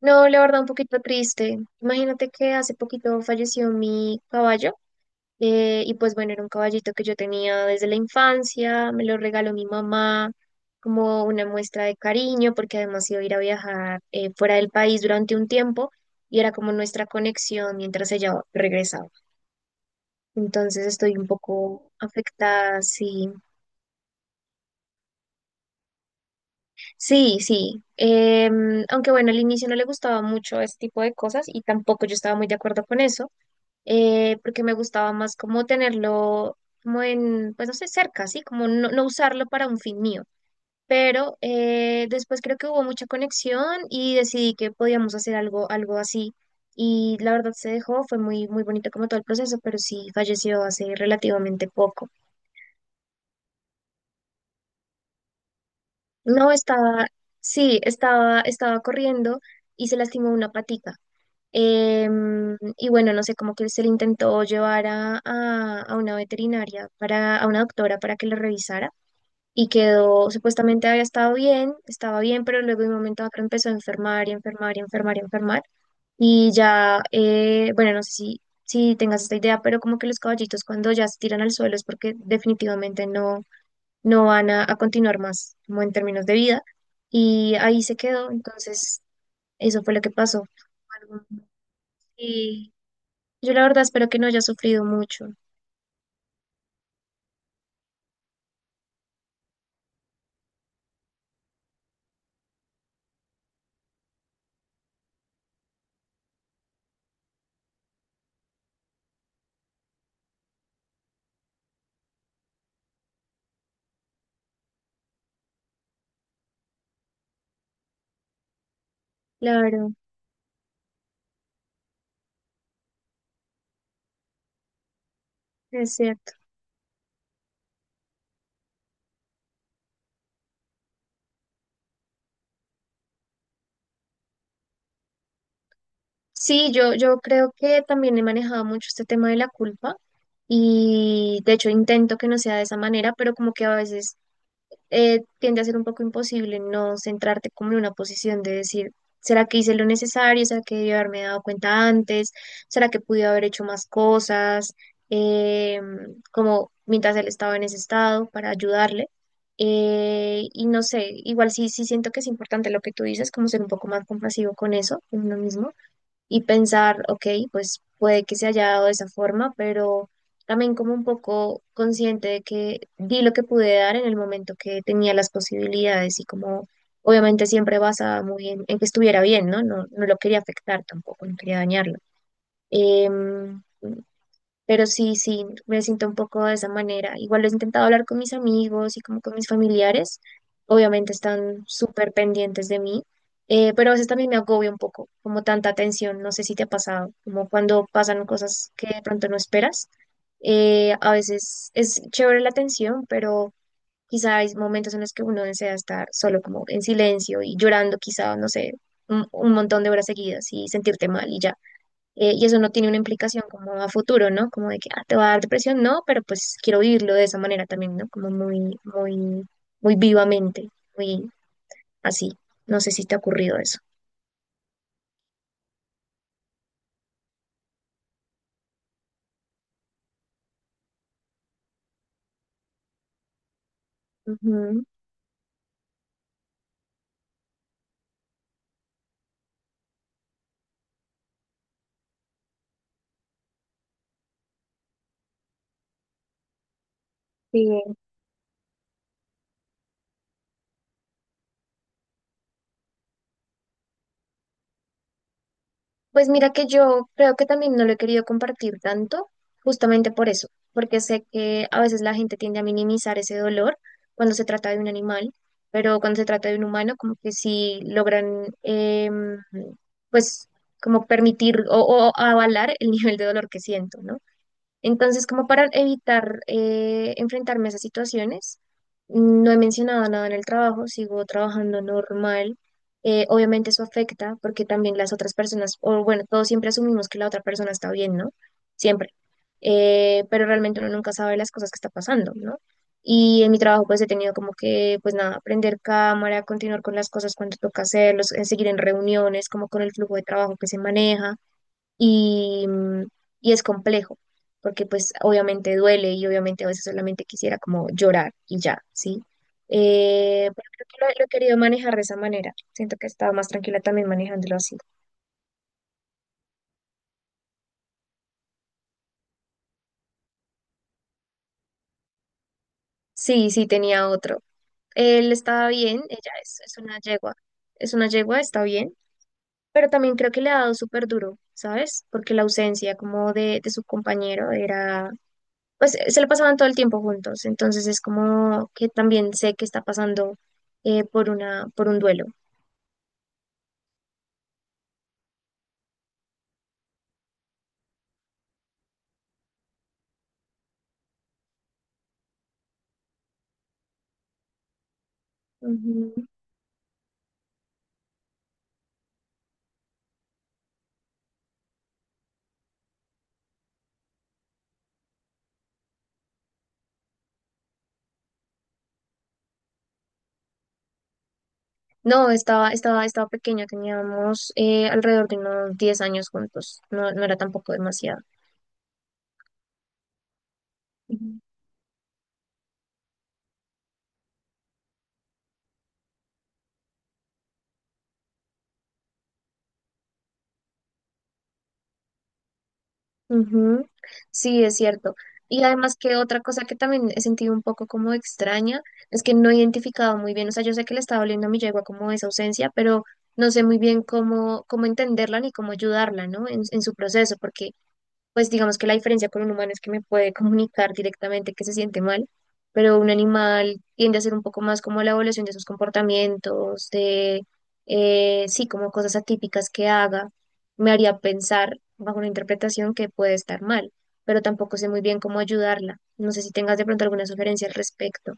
No, la verdad, un poquito triste. Imagínate que hace poquito falleció mi caballo. Y pues bueno, era un caballito que yo tenía desde la infancia, me lo regaló mi mamá como una muestra de cariño, porque además iba a ir a viajar, fuera del país durante un tiempo, y era como nuestra conexión mientras ella regresaba. Entonces estoy un poco afectada, sí. Sí, sí. Aunque bueno, al inicio no le gustaba mucho ese tipo de cosas y tampoco yo estaba muy de acuerdo con eso, porque me gustaba más como tenerlo como en, pues no sé, cerca, ¿sí? Como no, no usarlo para un fin mío. Pero después creo que hubo mucha conexión y decidí que podíamos hacer algo, algo así. Y la verdad se dejó, fue muy, muy bonito como todo el proceso, pero sí falleció hace relativamente poco. No, estaba, sí, estaba, corriendo y se lastimó una patica. Y bueno, no sé, como que se le intentó llevar a una veterinaria, para, a una doctora para que le revisara y quedó, supuestamente había estado bien, estaba bien, pero luego de un momento a otro empezó a enfermar y enfermar y enfermar y enfermar. Y ya, bueno, no sé si, si tengas esta idea, pero como que los caballitos cuando ya se tiran al suelo es porque definitivamente no, no van a continuar más, como en términos de vida. Y ahí se quedó, entonces eso fue lo que pasó. Algo- Sí, yo la verdad espero que no haya sufrido mucho. Claro, es cierto. Sí, yo creo que también he manejado mucho este tema de la culpa y de hecho intento que no sea de esa manera, pero como que a veces tiende a ser un poco imposible no centrarte como en una posición de decir, ¿será que hice lo necesario? ¿Será que debí haberme dado cuenta antes? ¿Será que pude haber hecho más cosas? Eh, como mientras él estaba en ese estado para ayudarle. Y no sé, igual sí, sí siento que es importante lo que tú dices, como ser un poco más compasivo con eso, con uno mismo, y pensar, ok, pues puede que se haya dado de esa forma, pero también como un poco consciente de que di lo que pude dar en el momento que tenía las posibilidades y como obviamente siempre basada muy en que estuviera bien, ¿no? No, no lo quería afectar tampoco, no quería dañarlo. Em, pero sí, sí, me siento un poco de esa manera. Igual lo he intentado hablar con mis amigos y como con mis familiares. Obviamente están súper pendientes de mí, pero a veces también me agobia un poco, como tanta atención. No sé si te ha pasado, como cuando pasan cosas que de pronto no esperas. A veces es chévere la atención, pero quizá hay momentos en los que uno desea estar solo como en silencio y llorando quizá, no sé, un montón de horas seguidas y sentirte mal y ya, y eso no tiene una implicación como a futuro, ¿no? Como de que ah, te va a dar depresión, no, pero pues quiero vivirlo de esa manera también, ¿no? Como muy, muy, muy vivamente, muy así. No sé si te ha ocurrido eso. Ujú, sí. Pues mira que yo creo que también no lo he querido compartir tanto, justamente por eso, porque sé que a veces la gente tiende a minimizar ese dolor cuando se trata de un animal, pero cuando se trata de un humano, como que sí logran, pues, como permitir o avalar el nivel de dolor que siento, ¿no? Entonces, como para evitar enfrentarme a esas situaciones, no he mencionado nada en el trabajo, sigo trabajando normal. Obviamente eso afecta porque también las otras personas, o bueno, todos siempre asumimos que la otra persona está bien, ¿no? Siempre. Pero realmente uno nunca sabe las cosas que está pasando, ¿no? Y en mi trabajo pues he tenido como que, pues nada, prender cámara, continuar con las cosas cuando toca hacerlos, seguir en reuniones, como con el flujo de trabajo que se maneja y, y es complejo, porque pues obviamente duele y obviamente a veces solamente quisiera como llorar y ya, ¿sí? Pero creo que lo he querido manejar de esa manera. Siento que estaba más tranquila también manejándolo así. Sí, sí, tenía otro. Él estaba bien, ella es una yegua, está bien, pero también creo que le ha dado súper duro, ¿sabes? Porque la ausencia como de su compañero era pues se la pasaban todo el tiempo juntos, entonces es como que también sé que está pasando por una, por un duelo. Ujú. No, estaba, estaba, estaba pequeña, teníamos alrededor de unos 10 años juntos, no, no era tampoco demasiado. Ujú. Ujú, sí, es cierto. Y además que otra cosa que también he sentido un poco como extraña es que no he identificado muy bien, o sea, yo sé que le estaba doliendo a mi yegua como esa ausencia, pero no sé muy bien cómo, cómo entenderla ni cómo ayudarla, ¿no? En su proceso, porque pues digamos que la diferencia con un humano es que me puede comunicar directamente que se siente mal, pero un animal tiende a ser un poco más como la evolución de sus comportamientos, de, sí, como cosas atípicas que haga, me haría pensar bajo una interpretación que puede estar mal, pero tampoco sé muy bien cómo ayudarla. No sé si tengas de pronto alguna sugerencia al respecto.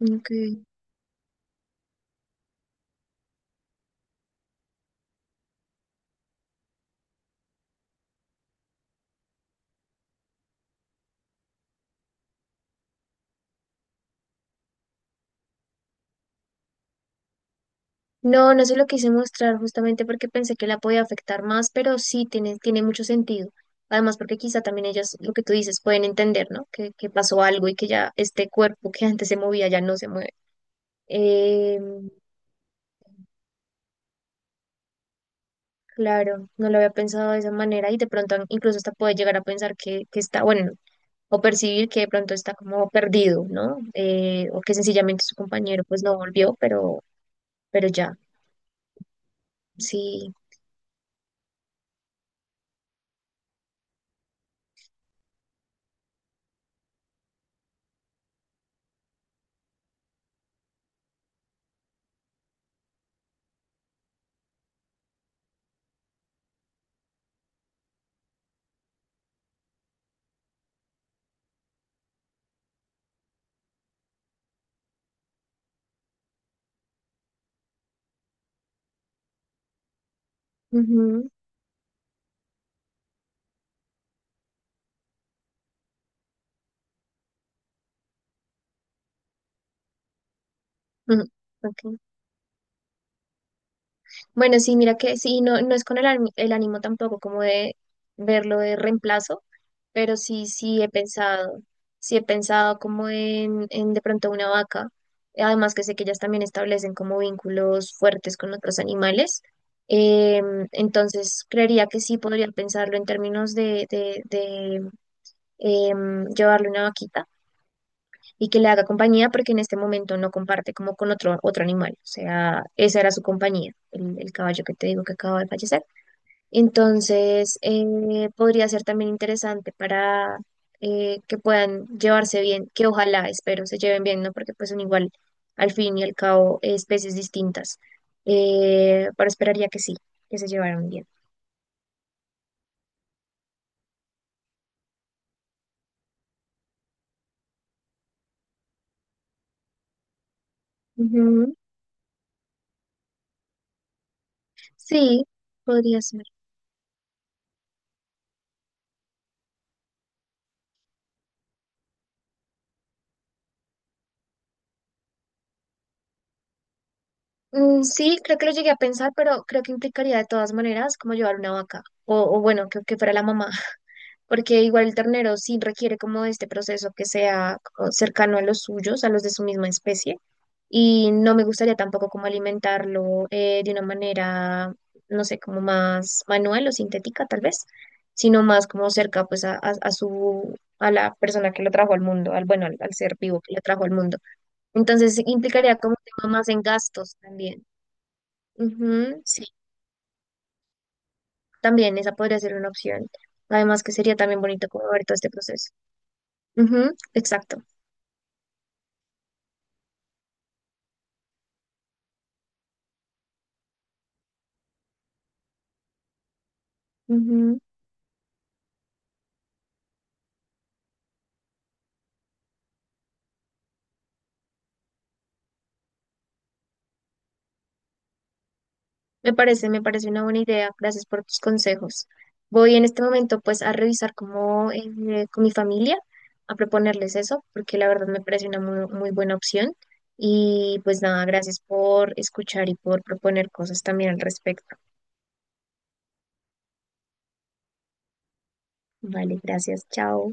Ok. No, no se lo quise mostrar justamente porque pensé que la podía afectar más, pero sí tiene, tiene mucho sentido. Además, porque quizá también ellas, lo que tú dices, pueden entender, ¿no? Que pasó algo y que ya este cuerpo que antes se movía ya no se mueve. Eh, claro, no lo había pensado de esa manera y de pronto incluso hasta puede llegar a pensar que está, bueno, o percibir que de pronto está como perdido, ¿no? O que sencillamente su compañero pues no volvió, pero ya, sí. Ujú, ujú, ok. Bueno, sí, mira que sí, no, no es con el, ani- el ánimo tampoco como de verlo de reemplazo, pero sí, sí he pensado como en de pronto una vaca, además que sé que ellas también establecen como vínculos fuertes con otros animales, entonces creería que sí podría pensarlo en términos de llevarle una vaquita y que le haga compañía porque en este momento no comparte como con otro, otro animal. O sea, esa era su compañía, el caballo que te digo que acaba de fallecer. Entonces, podría ser también interesante para que puedan llevarse bien, que ojalá, espero, se lleven bien, ¿no? Porque pues son igual, al fin y al cabo, especies distintas. Pero esperaría que sí, que se llevaran bien. Ujú, sí, podría ser. Mm, sí, creo que lo llegué a pensar, pero creo que implicaría de todas maneras como llevar una vaca o bueno, que fuera la mamá, porque igual el ternero sí requiere como de este proceso que sea como cercano a los suyos, a los de su misma especie, y no me gustaría tampoco como alimentarlo, de una manera, no sé, como más manual o sintética tal vez, sino más como cerca pues a su, a la persona que lo trajo al mundo, al, bueno, al al ser vivo que lo trajo al mundo. Entonces implicaría como un tema más en gastos también. Ujú, sí, también esa podría ser una opción. Además que sería también bonito como ver todo este proceso. Ujú, exacto. Ujú, me parece, me parece una buena idea. Gracias por tus consejos. Voy en este momento pues a revisar como con mi familia, a proponerles eso, porque la verdad me parece una muy, muy buena opción. Y pues nada, gracias por escuchar y por proponer cosas también al respecto. Vale, gracias, chao.